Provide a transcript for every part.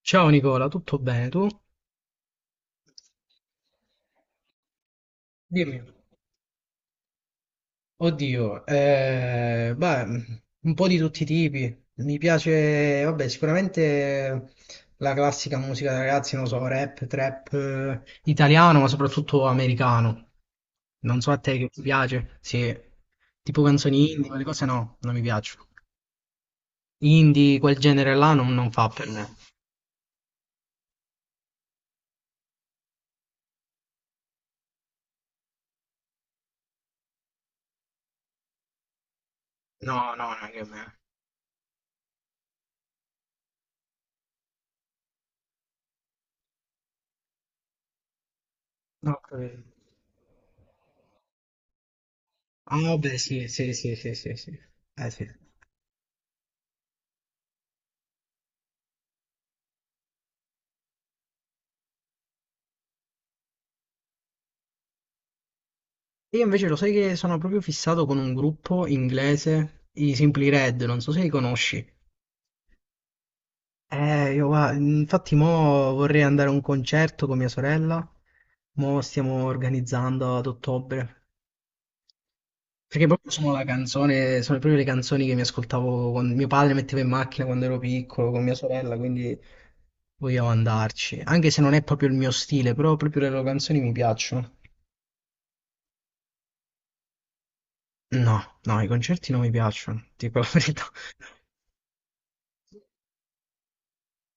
Ciao Nicola, tutto bene tu? Dimmi, oddio, beh, un po' di tutti i tipi. Mi piace, vabbè, sicuramente la classica musica da ragazzi, non so, rap, trap, italiano, ma soprattutto americano. Non so a te che ti piace, sì, tipo canzoni indie, quelle cose no, non mi piacciono. Indie, quel genere là non fa per me. No, no, non è che me. No, ho capito. Ah vabbè sì, sì, sì, sì, sì, sì. Sì. Io invece lo sai che sono proprio fissato con un gruppo inglese, i Simply Red, non so se li conosci. Io guarda, infatti mo vorrei andare a un concerto con mia sorella, mo stiamo organizzando ad ottobre, perché proprio sono la canzone, sono proprio le canzoni che mi ascoltavo quando mio padre metteva in macchina quando ero piccolo con mia sorella, quindi vogliamo andarci, anche se non è proprio il mio stile, però proprio le loro canzoni mi piacciono. No, no, i concerti non mi piacciono, dico la verità.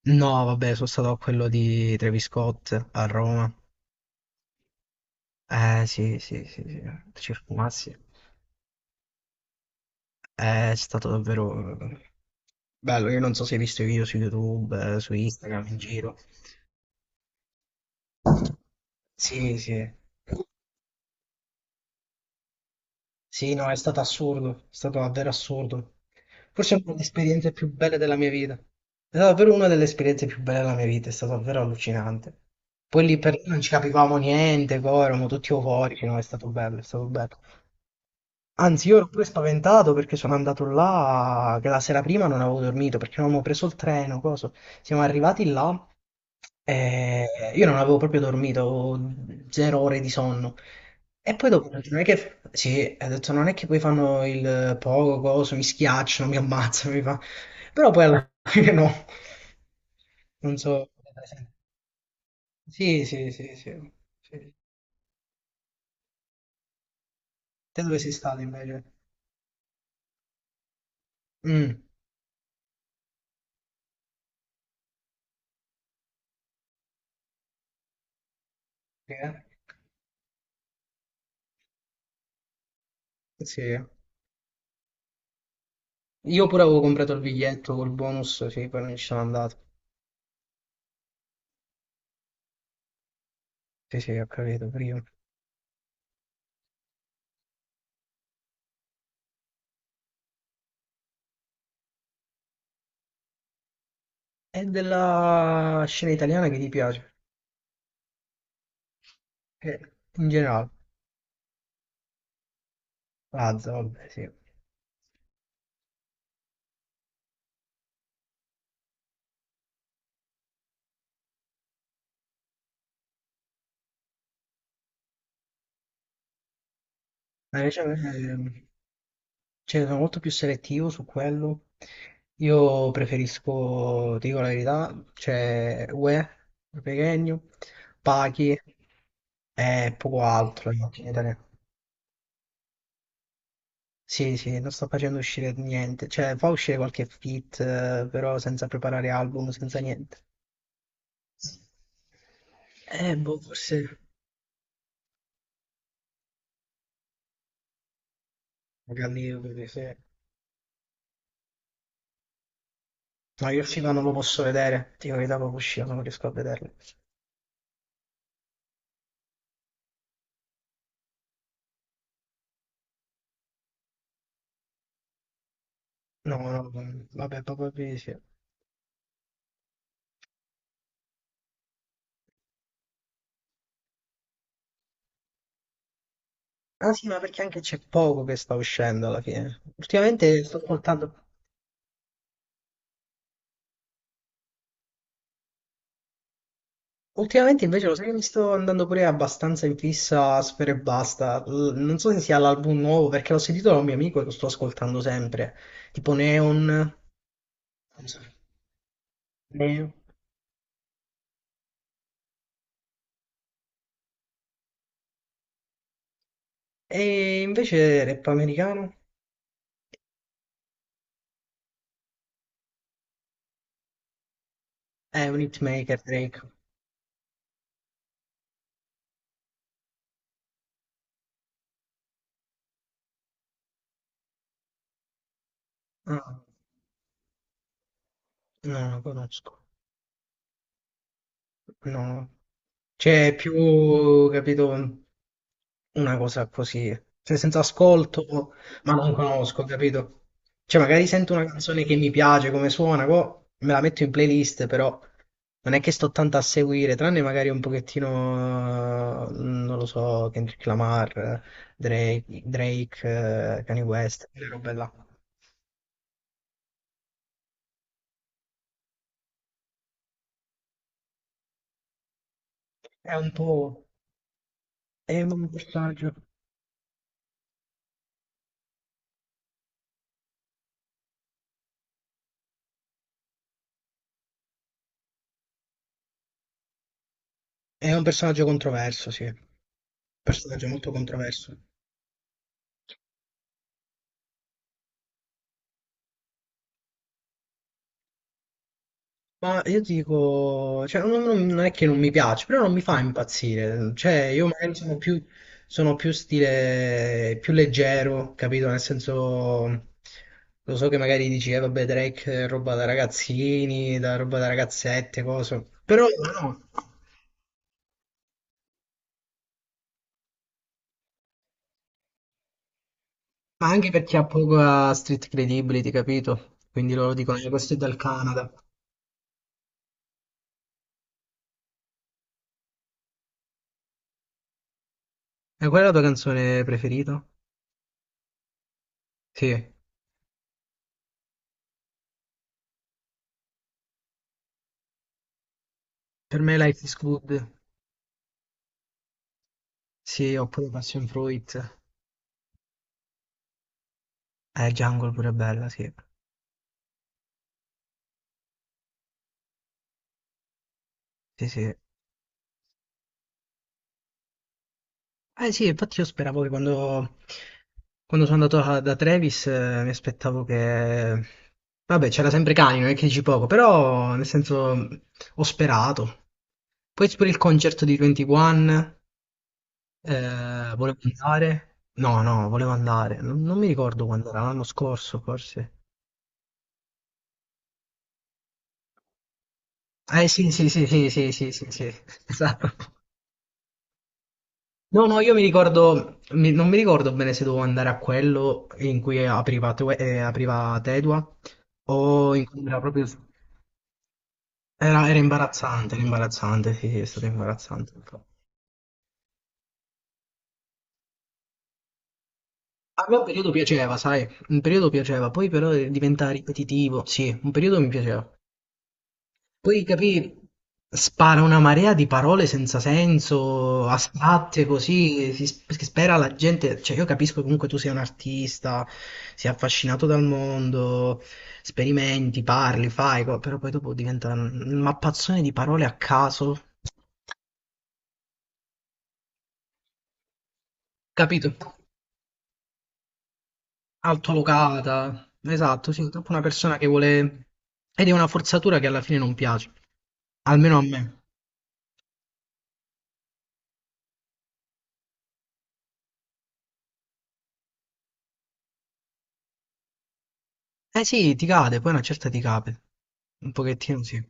No, vabbè, sono stato a quello di Travis Scott a Roma. Eh sì, sì, sì, sì, Circo Mazzi. È stato davvero bello. Io non so se hai visto i video su YouTube, su Instagram, in giro. Sì, sì. Sì, no, è stato assurdo, è stato davvero assurdo. Forse è una delle esperienze più belle della mia vita. È stata davvero una delle esperienze più belle della mia vita, è stato davvero allucinante. Poi lì per lì non ci capivamo niente, poi eravamo tutti euforici, no, è stato bello, è stato bello. Anzi, io ero pure spaventato perché sono andato là, che la sera prima non avevo dormito perché non avevo preso il treno, coso. Siamo arrivati là e io non avevo proprio dormito, avevo 0 ore di sonno. E poi dopo, ho detto, non è che, sì, ho detto, non è che poi fanno il poco, coso, mi schiacciano, mi ammazzano, mi fa. Però poi alla fine no, non so. Sì, sì, sì, sì. Sì. Te dove sei stato invece? Mm. Sì, eh? Sì. Io pure avevo comprato il biglietto col bonus, sì, poi non ci sono andato. Sì, sì, ho capito, prima. È della scena italiana che ti piace? Eh, in generale. Lazza, vabbè, sì. Ma invece a me, cioè, sono molto più selettivo su quello. Io preferisco, ti dico la verità, cioè UE, Pechegno, Pachi e poco altro in italiano. Sì, sì, non sto facendo uscire niente, cioè fa uscire qualche feat, però senza preparare album, senza niente. Boh, forse magari io credo di sì. No, io il film non lo posso vedere, ti dico che dopo uscire non riesco a vederlo. No, no, no, vabbè, proprio di sì. Ah sì, ma perché anche c'è poco che sta uscendo alla fine. Ultimamente sto ascoltando Ultimamente invece lo sai che mi sto andando pure abbastanza in fissa a Sfera e Basta. Non so se sia l'album nuovo perché l'ho sentito da un mio amico e lo sto ascoltando sempre. Tipo Neon. Non so. Neon. E invece rap americano? È un hitmaker Drake. Ah, no, non lo conosco. No. Cioè, è più, capito, una cosa così, senza ascolto, ma non conosco, capito? Cioè, magari sento una canzone che mi piace, come suona, me la metto in playlist, però non è che sto tanto a seguire, tranne magari un pochettino, non lo so, Kendrick Lamar, Drake, Drake, Kanye West, quelle robe là. È un po'. È un personaggio, è un personaggio controverso, sì. Un personaggio molto controverso. Ma io dico, cioè, non è che non mi piace, però non mi fa impazzire. Cioè, io magari sono più, stile, più leggero, capito? Nel senso, lo so che magari dici, vabbè, Drake è roba da ragazzini, da roba da ragazzette, cose. Però no, ma anche perché ha poca street credibility, capito? Quindi loro dicono, questo è dal Canada." E qual è la tua canzone preferita? Sì, per me Life is Good, sì, oppure Passion Fruit. Jungle pure è bella, sì. Sì, sì. Eh sì, infatti io speravo che quando, sono andato da Travis mi aspettavo che. Vabbè, c'era sempre Kanye, non è che dici poco, però nel senso ho sperato. Poi pure il concerto di 21, volevo andare. No, no, volevo andare. Non mi ricordo quando era, l'anno scorso forse. Eh sì, sì, sì, sì, sì, sì, sì, sì. Esatto. No, no, io mi ricordo, non mi ricordo bene se dovevo andare a quello in cui apriva Tedua o in cui era proprio. Era imbarazzante, era imbarazzante, sì, sì, è stato imbarazzante. A me un periodo piaceva, sai, un periodo piaceva, poi però diventa ripetitivo, sì, un periodo mi piaceva. Poi capì, spara una marea di parole senza senso, astratte così, che spera la gente, cioè io capisco che comunque tu sei un artista, sei affascinato dal mondo, sperimenti, parli, fai, però poi dopo diventa un mappazzone di parole a caso, capito? Altolocata, esatto, sì, troppo una persona che vuole ed è una forzatura che alla fine non piace, almeno a me. Eh sì, ti cade, poi una certa ti cade, un pochettino sì.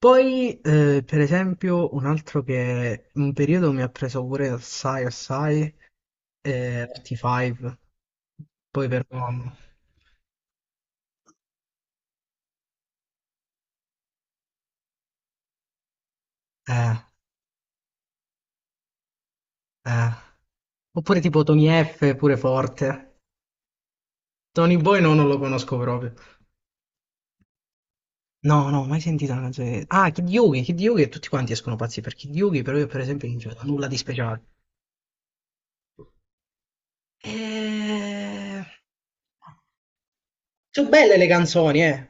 Poi, per esempio, un altro che un periodo mi ha preso pure assai, assai, RT5, poi però. Eh, eh. Oppure tipo Tony F, pure forte. Tony Boy no, non lo conosco proprio. No, no, mai sentito una canzone. Ah, Kid Yugi, Kid Yugi, tutti quanti escono pazzi per Kid Yugi, però io per esempio non c'è nulla di speciale. Eh, Sono belle le canzoni, eh.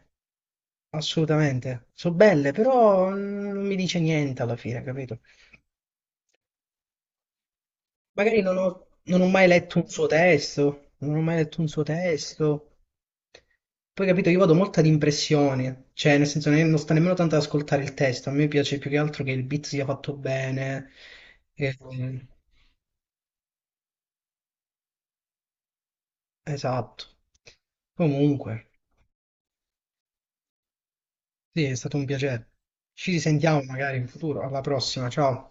Assolutamente. So' belle, però non mi dice niente alla fine, capito? Magari non ho, mai letto un suo testo, non ho mai letto un suo testo. Poi, capito, io vado molto ad impressioni, cioè nel senso non sta nemmeno tanto ad ascoltare il testo, a me piace più che altro che il beat sia fatto bene. e- esatto. Comunque, sì, è stato un piacere. Ci risentiamo magari in futuro, alla prossima, ciao.